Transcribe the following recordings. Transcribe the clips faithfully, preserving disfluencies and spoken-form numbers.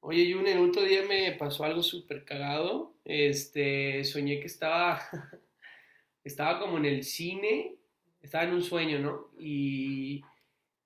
Oye, Jun, el otro día me pasó algo súper cagado. Este, soñé que estaba, estaba como en el cine, estaba en un sueño, ¿no? Y,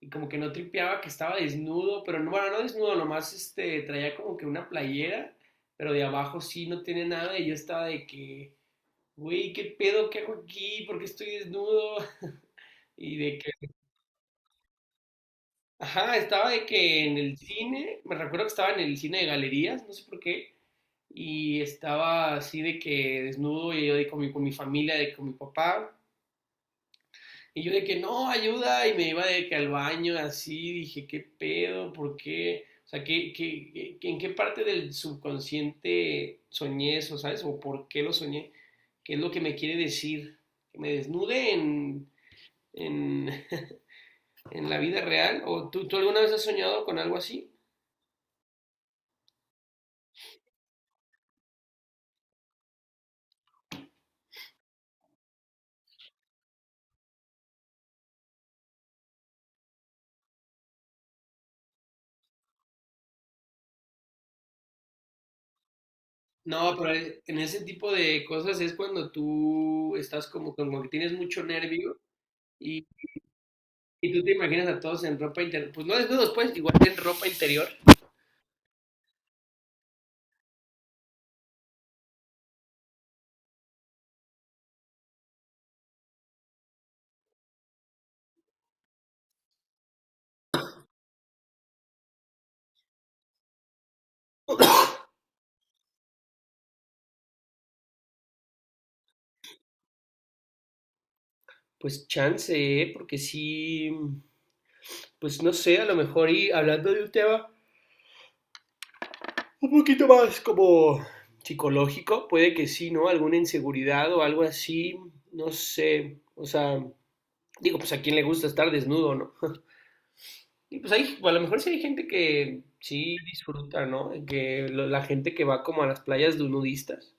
y como que no tripeaba que estaba desnudo, pero no, bueno, no desnudo, nomás este, traía como que una playera, pero de abajo sí no tiene nada. Y yo estaba de que, Güey, ¿qué pedo? ¿Qué hago aquí? ¿Por qué estoy desnudo? Y de que, ajá, estaba de que en el cine, me recuerdo que estaba en el cine de galerías, no sé por qué. Y estaba así de que desnudo y yo de con mi, con mi familia, de con mi papá. Y yo de que no, ayuda, y me iba de que al baño así, dije, ¿qué pedo? ¿Por qué? O sea, ¿qué, qué, qué- en qué parte del subconsciente soñé eso, ¿sabes? ¿O por qué lo soñé? ¿Qué es lo que me quiere decir? ¿Que me desnude en, en, en la vida real? ¿O tú, tú alguna vez has soñado con algo así? No, pero en ese tipo de cosas es cuando tú estás como, como que tienes mucho nervio. Y, y tú te imaginas a todos en ropa interior, pues no desnudos, pues igual en ropa interior. Pues chance, ¿eh? Porque sí, pues no sé, a lo mejor y hablando de un tema un poquito más como psicológico, puede que sí, ¿no? Alguna inseguridad o algo así, no sé, o sea, digo, pues a quién le gusta estar desnudo, ¿no? Y pues ahí, a lo mejor sí hay gente que sí disfruta, ¿no? Que lo- la gente que va como a las playas de nudistas.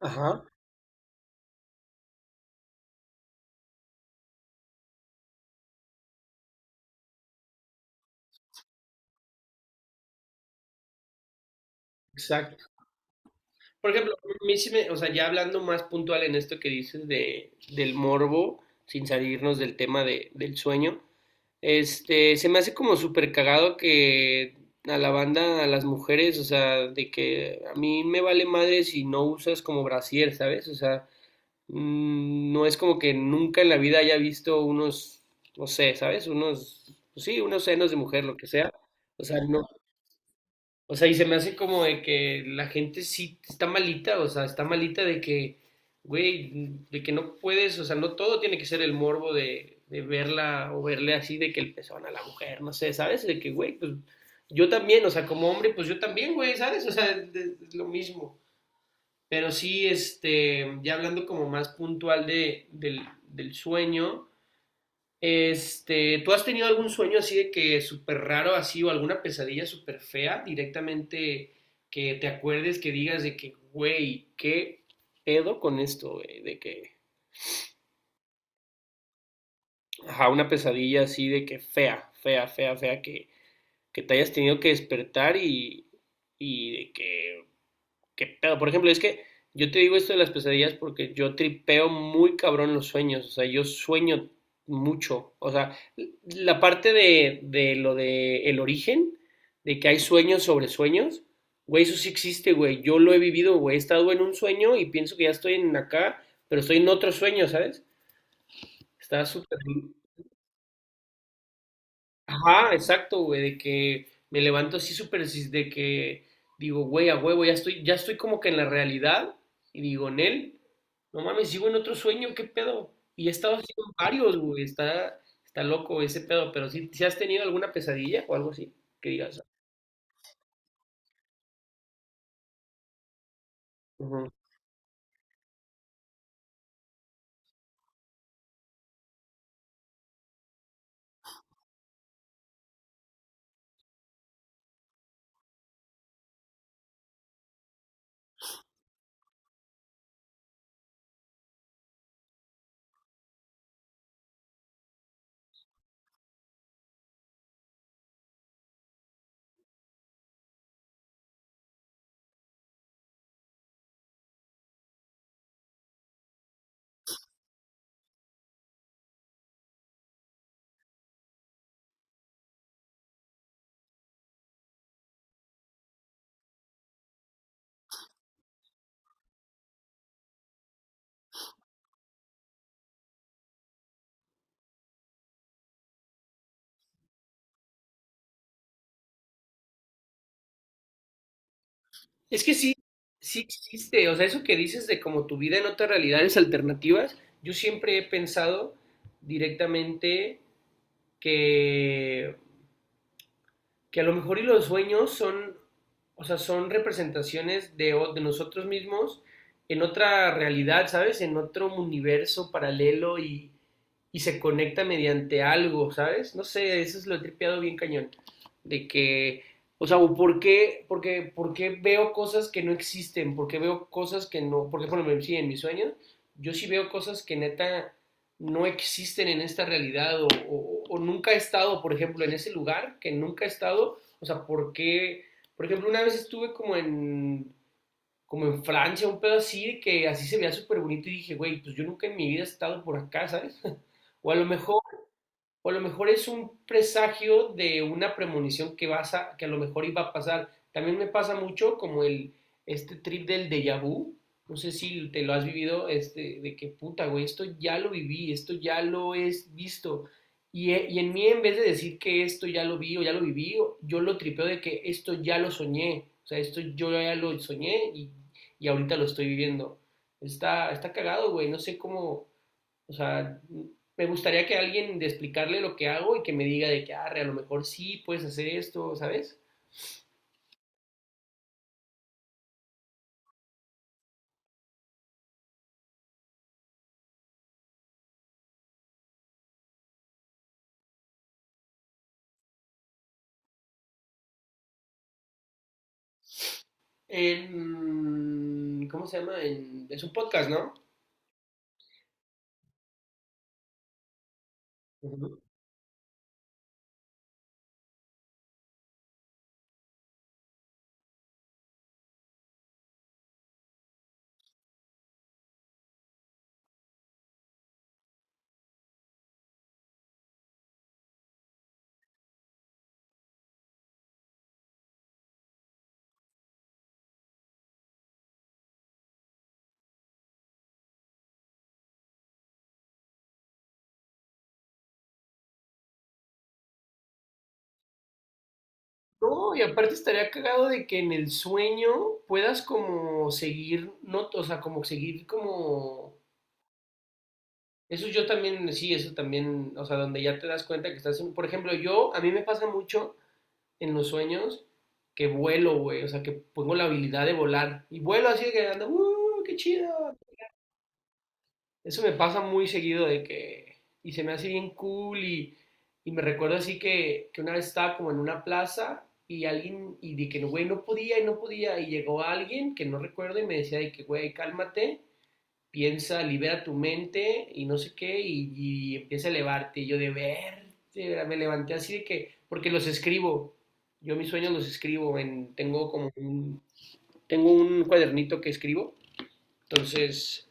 Ajá, por ejemplo, a mí sí me- o sea, ya hablando más puntual en esto que dices de, del morbo, sin salirnos del tema de, del sueño, este, se me hace como súper cagado que a la banda, a las mujeres, o sea, de que a mí me vale madre si no usas como brasier, ¿sabes? O sea, mm, no es como que nunca en la vida haya visto unos, no sé, ¿sabes? Unos, pues sí, unos senos de mujer, lo que sea. O sea, no, o sea, y se me hace como de que la gente sí está malita, o sea, está malita de que, güey, de que no puedes, o sea, no todo tiene que ser el morbo de, de verla o verle así, de que el pezón a la mujer, no sé, ¿sabes? De que, güey, pues yo también, o sea, como hombre, pues yo también, güey, ¿sabes? O sea, es es lo mismo. Pero sí, este, ya hablando como más puntual de, del, del sueño, este, ¿tú has tenido algún sueño así de que súper raro así o alguna pesadilla súper fea directamente que te acuerdes que digas de que, güey, qué pedo con esto, güey? De que, ajá, una pesadilla así de que fea, fea, fea, fea, que, que te hayas tenido que despertar y, y de que, qué pedo. Por ejemplo, es que yo te digo esto de las pesadillas porque yo tripeo muy cabrón los sueños. O sea, yo sueño mucho. O sea, la parte de, de lo de el origen, de que hay sueños sobre sueños, güey, eso sí existe, güey. Yo lo he vivido, güey. He estado en un sueño y pienso que ya estoy en acá, pero estoy en otro sueño, ¿sabes? Está súper. Ajá, exacto, güey, de que me levanto así súper, así de que digo, güey, a huevo, ya estoy, ya estoy como que en la realidad, y digo, Nel, no mames, sigo en otro sueño, qué pedo, y he estado así con varios, güey, está, está loco ese pedo, pero si has tenido alguna pesadilla o algo así, que digas, ujú. Es que sí, sí existe, o sea, eso que dices de como tu vida en otras realidades alternativas, yo siempre he pensado directamente que que a lo mejor y los sueños son, o sea, son representaciones de, de nosotros mismos en otra realidad, ¿sabes? En otro universo paralelo y, y se conecta mediante algo, ¿sabes? No sé, eso es lo he tripeado bien cañón. De que, o sea, o ¿por qué, porque, por qué veo cosas que no existen? ¿Por qué veo cosas que no? Porque, por ejemplo, sí, en mis sueños, yo sí veo cosas que neta no existen en esta realidad o, o, o nunca he estado, por ejemplo, en ese lugar que nunca he estado. O sea, ¿por qué? Por ejemplo, una vez estuve como en, como en Francia, un pedo así, que así se veía súper bonito y dije, güey, pues yo nunca en mi vida he estado por acá, ¿sabes? O a lo mejor o a lo mejor es un presagio de una premonición que vas a, que a lo mejor iba a pasar. También me pasa mucho como el, este trip del déjà vu, no sé si te lo has vivido, este, de que puta, güey, esto ya lo viví, esto ya lo he visto. Y, e- y en mí, en vez de decir que esto ya lo vi o ya lo viví, o- yo lo tripeo de que esto ya lo soñé. O sea, esto yo ya lo soñé y, y ahorita lo estoy viviendo. Está, está cagado, güey. No sé cómo, o sea, me gustaría que alguien de explicarle lo que hago y que me diga de que, arre, a lo mejor sí puedes hacer esto, ¿sabes? En, ¿cómo se llama? En, es un podcast, ¿no? Ujú. No, y aparte estaría cagado de que en el sueño puedas como seguir, no, o sea, como seguir como... Eso yo también, sí, eso también, o sea, donde ya te das cuenta que estás en... Por ejemplo, yo, a mí me pasa mucho en los sueños que vuelo, güey. O sea, que pongo la habilidad de volar. Y vuelo así de que ando, ¡uh, qué chido! Eso me pasa muy seguido de que... Y se me hace bien cool y, y me recuerdo así que, que una vez estaba como en una plaza y alguien... Y de que, "No, güey, no podía y no podía. Y llegó alguien que no recuerdo y me decía de que, güey, cálmate piensa, libera tu mente y no sé qué, y, y empieza a elevarte. Y yo de verte, me levanté así de que, porque los escribo, yo mis sueños los escribo, en, tengo como un, tengo un cuadernito que escribo, entonces,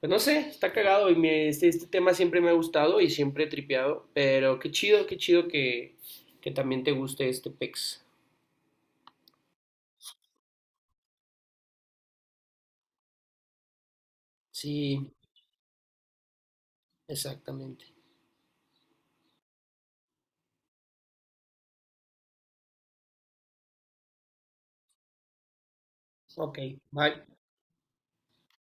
pues no sé, está cagado y me- este, este tema siempre me ha gustado y siempre he tripeado, pero qué chido, qué chido que, que también te guste este pex. Sí, exactamente. Ok, bye.